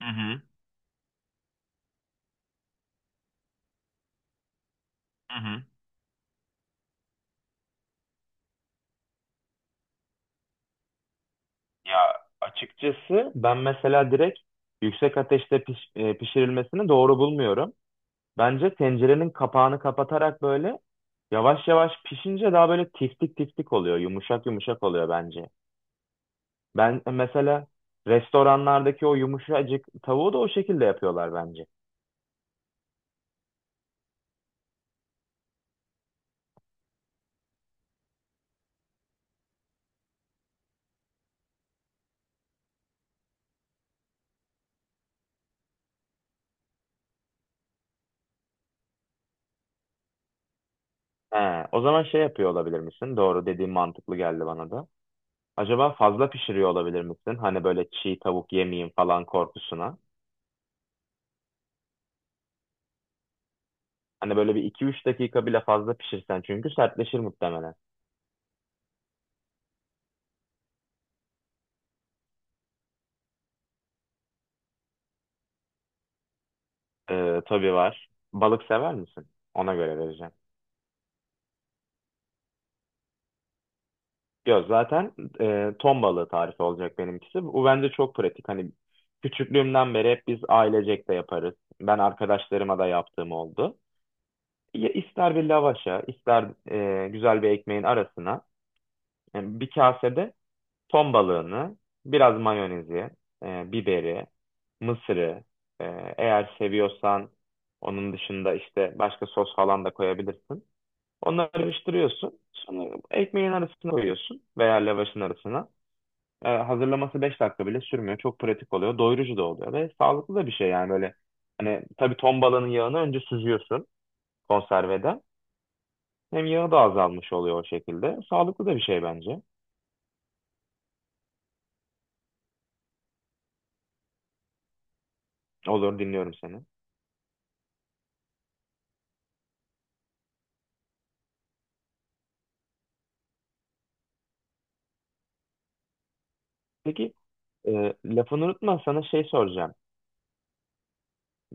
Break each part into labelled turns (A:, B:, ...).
A: Hı hı. Hı hı. Ya açıkçası ben mesela direkt yüksek ateşte pişirilmesini doğru bulmuyorum. Bence tencerenin kapağını kapatarak böyle yavaş yavaş pişince daha böyle tiftik tiftik oluyor. Yumuşak yumuşak oluyor bence. Ben mesela restoranlardaki o yumuşacık tavuğu da o şekilde yapıyorlar bence. He, o zaman şey yapıyor olabilir misin? Doğru dediğin mantıklı geldi bana da. Acaba fazla pişiriyor olabilir misin? Hani böyle çiğ tavuk yemeyeyim falan korkusuna. Hani böyle 1 2 3 dakika bile fazla pişirsen çünkü sertleşir muhtemelen. Tabii var. Balık sever misin? Ona göre vereceğim. Yok zaten ton balığı tarifi olacak benimkisi. Bu bence çok pratik. Hani küçüklüğümden beri hep biz ailecek de yaparız. Ben arkadaşlarıma da yaptığım oldu. Ya ister bir lavaşa, ister güzel bir ekmeğin arasına, yani bir kasede ton balığını, biraz mayonezi, biberi, mısırı, e, eğer seviyorsan onun dışında işte başka sos falan da koyabilirsin. Onları karıştırıyorsun. Sonra ekmeğin arasına koyuyorsun veya lavaşın arasına. Hazırlaması 5 dakika bile sürmüyor. Çok pratik oluyor. Doyurucu da oluyor ve sağlıklı da bir şey yani böyle. Hani tabii ton balığının yağını önce süzüyorsun konserveden. Hem yağı da azalmış oluyor o şekilde. Sağlıklı da bir şey bence. Olur, dinliyorum seni. Peki. Lafını unutma, sana şey soracağım.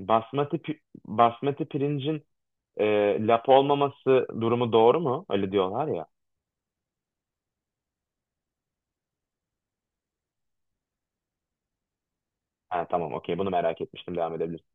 A: Basmati, pi- Basmati pirincin e, lap olmaması durumu doğru mu? Öyle diyorlar ya. Ha, tamam, okey, bunu merak etmiştim, devam edebilirsin.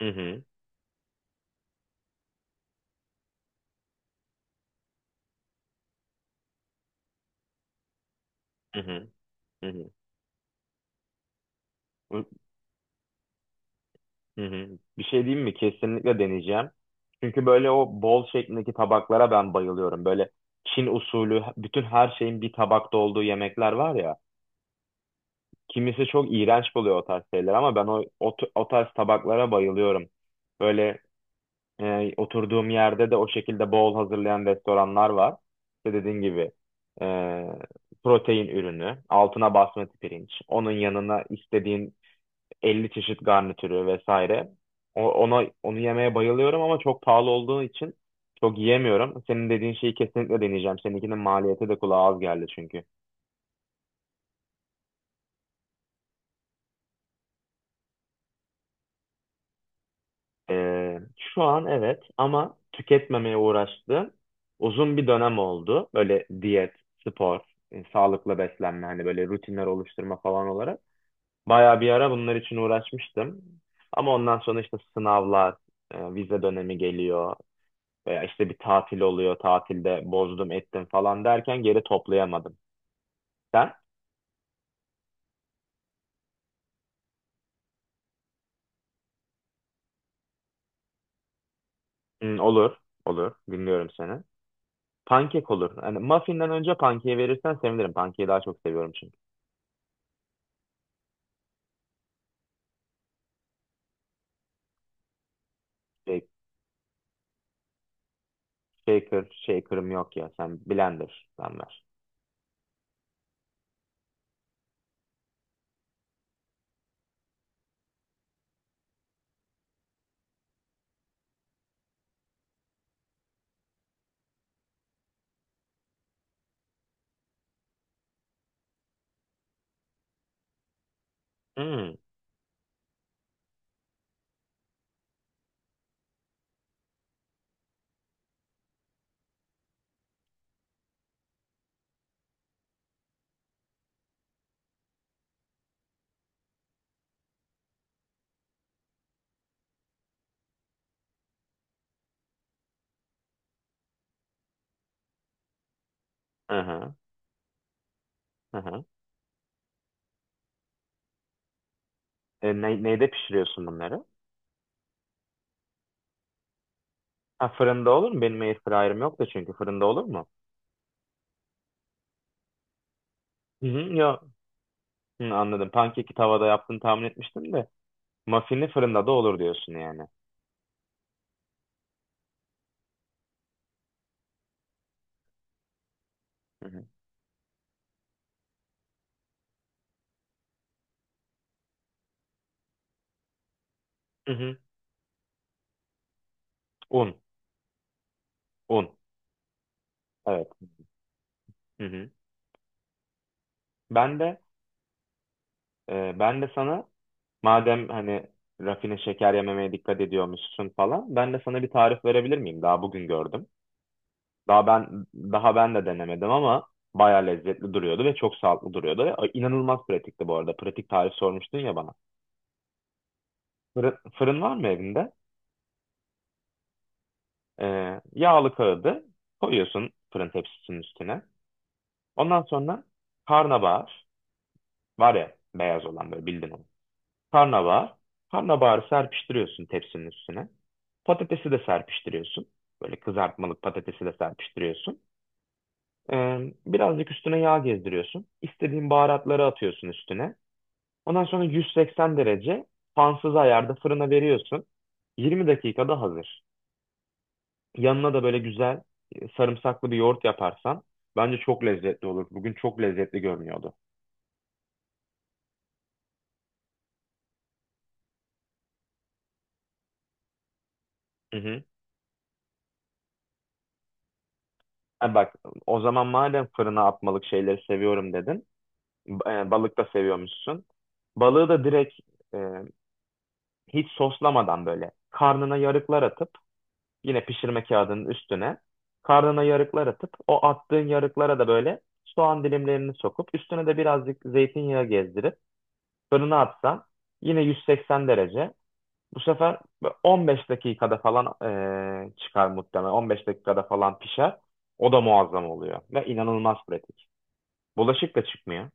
A: Hı hı, hı hı, hı hı. Hı hı. Bir şey diyeyim mi? Kesinlikle deneyeceğim. Çünkü böyle o bol şeklindeki tabaklara ben bayılıyorum. Böyle Çin usulü bütün her şeyin bir tabakta olduğu yemekler var ya. Kimisi çok iğrenç buluyor o tarz şeyler ama ben o tarz tabaklara bayılıyorum. Böyle oturduğum yerde de o şekilde bol hazırlayan restoranlar var. İşte dediğin gibi e, protein ürünü, altına basmati pirinç, onun yanına istediğin 50 çeşit garnitürü vesaire. Ona onu yemeye bayılıyorum ama çok pahalı olduğu için çok yiyemiyorum. Senin dediğin şeyi kesinlikle deneyeceğim. Seninkinin maliyeti de kulağa az geldi çünkü. Şu an evet, ama tüketmemeye uğraştığım uzun bir dönem oldu. Böyle diyet, spor, sağlıklı beslenme, hani böyle rutinler oluşturma falan olarak. Bayağı bir ara bunlar için uğraşmıştım. Ama ondan sonra işte sınavlar, vize dönemi geliyor veya işte bir tatil oluyor. Tatilde bozdum ettim falan derken geri toplayamadım. Sen? Hı, olur, olur. Dinliyorum seni. Pankek olur. Hani muffin'den önce pankeyi verirsen sevinirim. Pankeyi daha çok seviyorum çünkü. Shaker, shaker'ım yok ya. Sen blender'dan ver. Hmm. Hı hı. Hı hı. Neyde pişiriyorsun bunları? Ha, fırında olur mu? Benim airfryer'ım yok da çünkü, fırında olur mu? Hı hı, yok. Hı, anladım. Pankeki tavada yaptığını tahmin etmiştim de. Muffin'i fırında da olur diyorsun yani. Hı hı. Hı hı. Un, un. Evet. Hı hı. Ben de Ben de sana, madem hani rafine şeker yememeye dikkat ediyormuşsun falan, ben de sana bir tarif verebilir miyim? Daha bugün gördüm. Daha ben de denemedim ama bayağı lezzetli duruyordu ve çok sağlıklı duruyordu. Ve inanılmaz pratikti bu arada. Pratik tarif sormuştun ya bana. Fırın var mı evinde? Yağlı kağıdı koyuyorsun fırın tepsisinin üstüne. Ondan sonra karnabahar var ya, beyaz olan, böyle bildin onu. Karnabahar. Karnabaharı serpiştiriyorsun tepsinin üstüne. Patatesi de serpiştiriyorsun. Böyle kızartmalık patatesi de serpiştiriyorsun. Ee, Birazcık üstüne yağ gezdiriyorsun. İstediğin baharatları atıyorsun üstüne. Ondan sonra 180 derece fansız ayarda fırına veriyorsun. 20 dakikada hazır. Yanına da böyle güzel sarımsaklı bir yoğurt yaparsan bence çok lezzetli olur. Bugün çok lezzetli görünüyordu. Hı hı. Ha bak, o zaman madem fırına atmalık şeyleri seviyorum dedin. Balık da seviyormuşsun. Balığı da direkt e, hiç soslamadan böyle karnına yarıklar atıp, yine pişirme kağıdının üstüne karnına yarıklar atıp o attığın yarıklara da böyle soğan dilimlerini sokup üstüne de birazcık zeytinyağı gezdirip fırına atsan, yine 180 derece. Bu sefer 15 dakikada falan çıkar muhtemelen. 15 dakikada falan pişer. O da muazzam oluyor ve inanılmaz pratik. Bulaşık da çıkmıyor.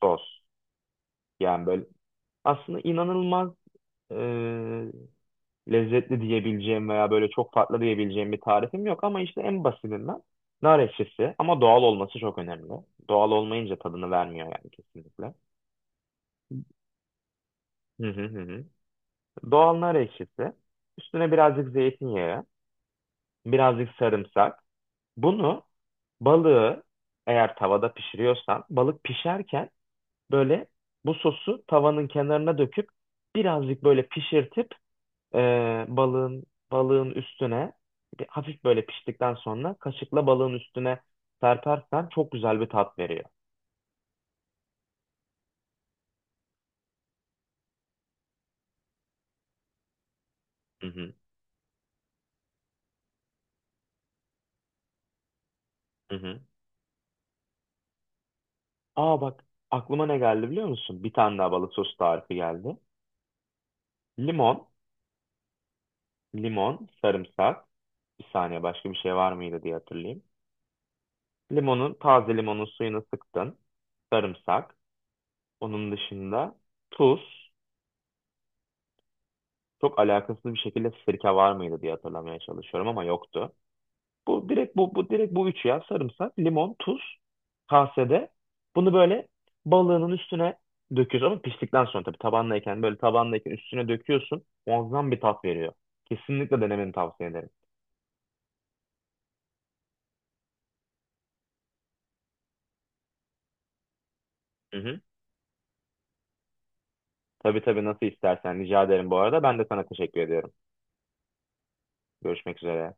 A: Sos. Yani böyle aslında inanılmaz eee, lezzetli diyebileceğim veya böyle çok farklı diyebileceğim bir tarifim yok ama işte en basitinden nar ekşisi, ama doğal olması çok önemli. Doğal olmayınca tadını vermiyor yani kesinlikle. Hı hı hı. Hı. Doğal nar ekşisi, üstüne birazcık zeytinyağı, birazcık sarımsak. Bunu, balığı, eğer tavada pişiriyorsan balık pişerken böyle bu sosu tavanın kenarına döküp birazcık böyle pişirtip e, balığın balığın üstüne, hafif böyle piştikten sonra kaşıkla balığın üstüne serpersen çok güzel bir tat veriyor. Hı hı. Hı hı. Aa bak, aklıma ne geldi biliyor musun? Bir tane daha balık sosu tarifi geldi. Limon, limon, sarımsak. Bir saniye, başka bir şey var mıydı diye hatırlayayım. Limonun, taze limonun suyunu sıktın. Sarımsak. Onun dışında tuz. Çok alakasız bir şekilde sirke var mıydı diye hatırlamaya çalışıyorum ama yoktu. Bu direkt bu üç ya. Sarımsak, limon, tuz kasede. Bunu böyle balığının üstüne döküyorsun, ama piştikten sonra tabii, tabanlayken, böyle tabanlayken üstüne döküyorsun. Muazzam bir tat veriyor. Kesinlikle denemeni tavsiye ederim. Hı hı. Tabii tabii, nasıl istersen, rica ederim bu arada. Ben de sana teşekkür ediyorum. Görüşmek üzere.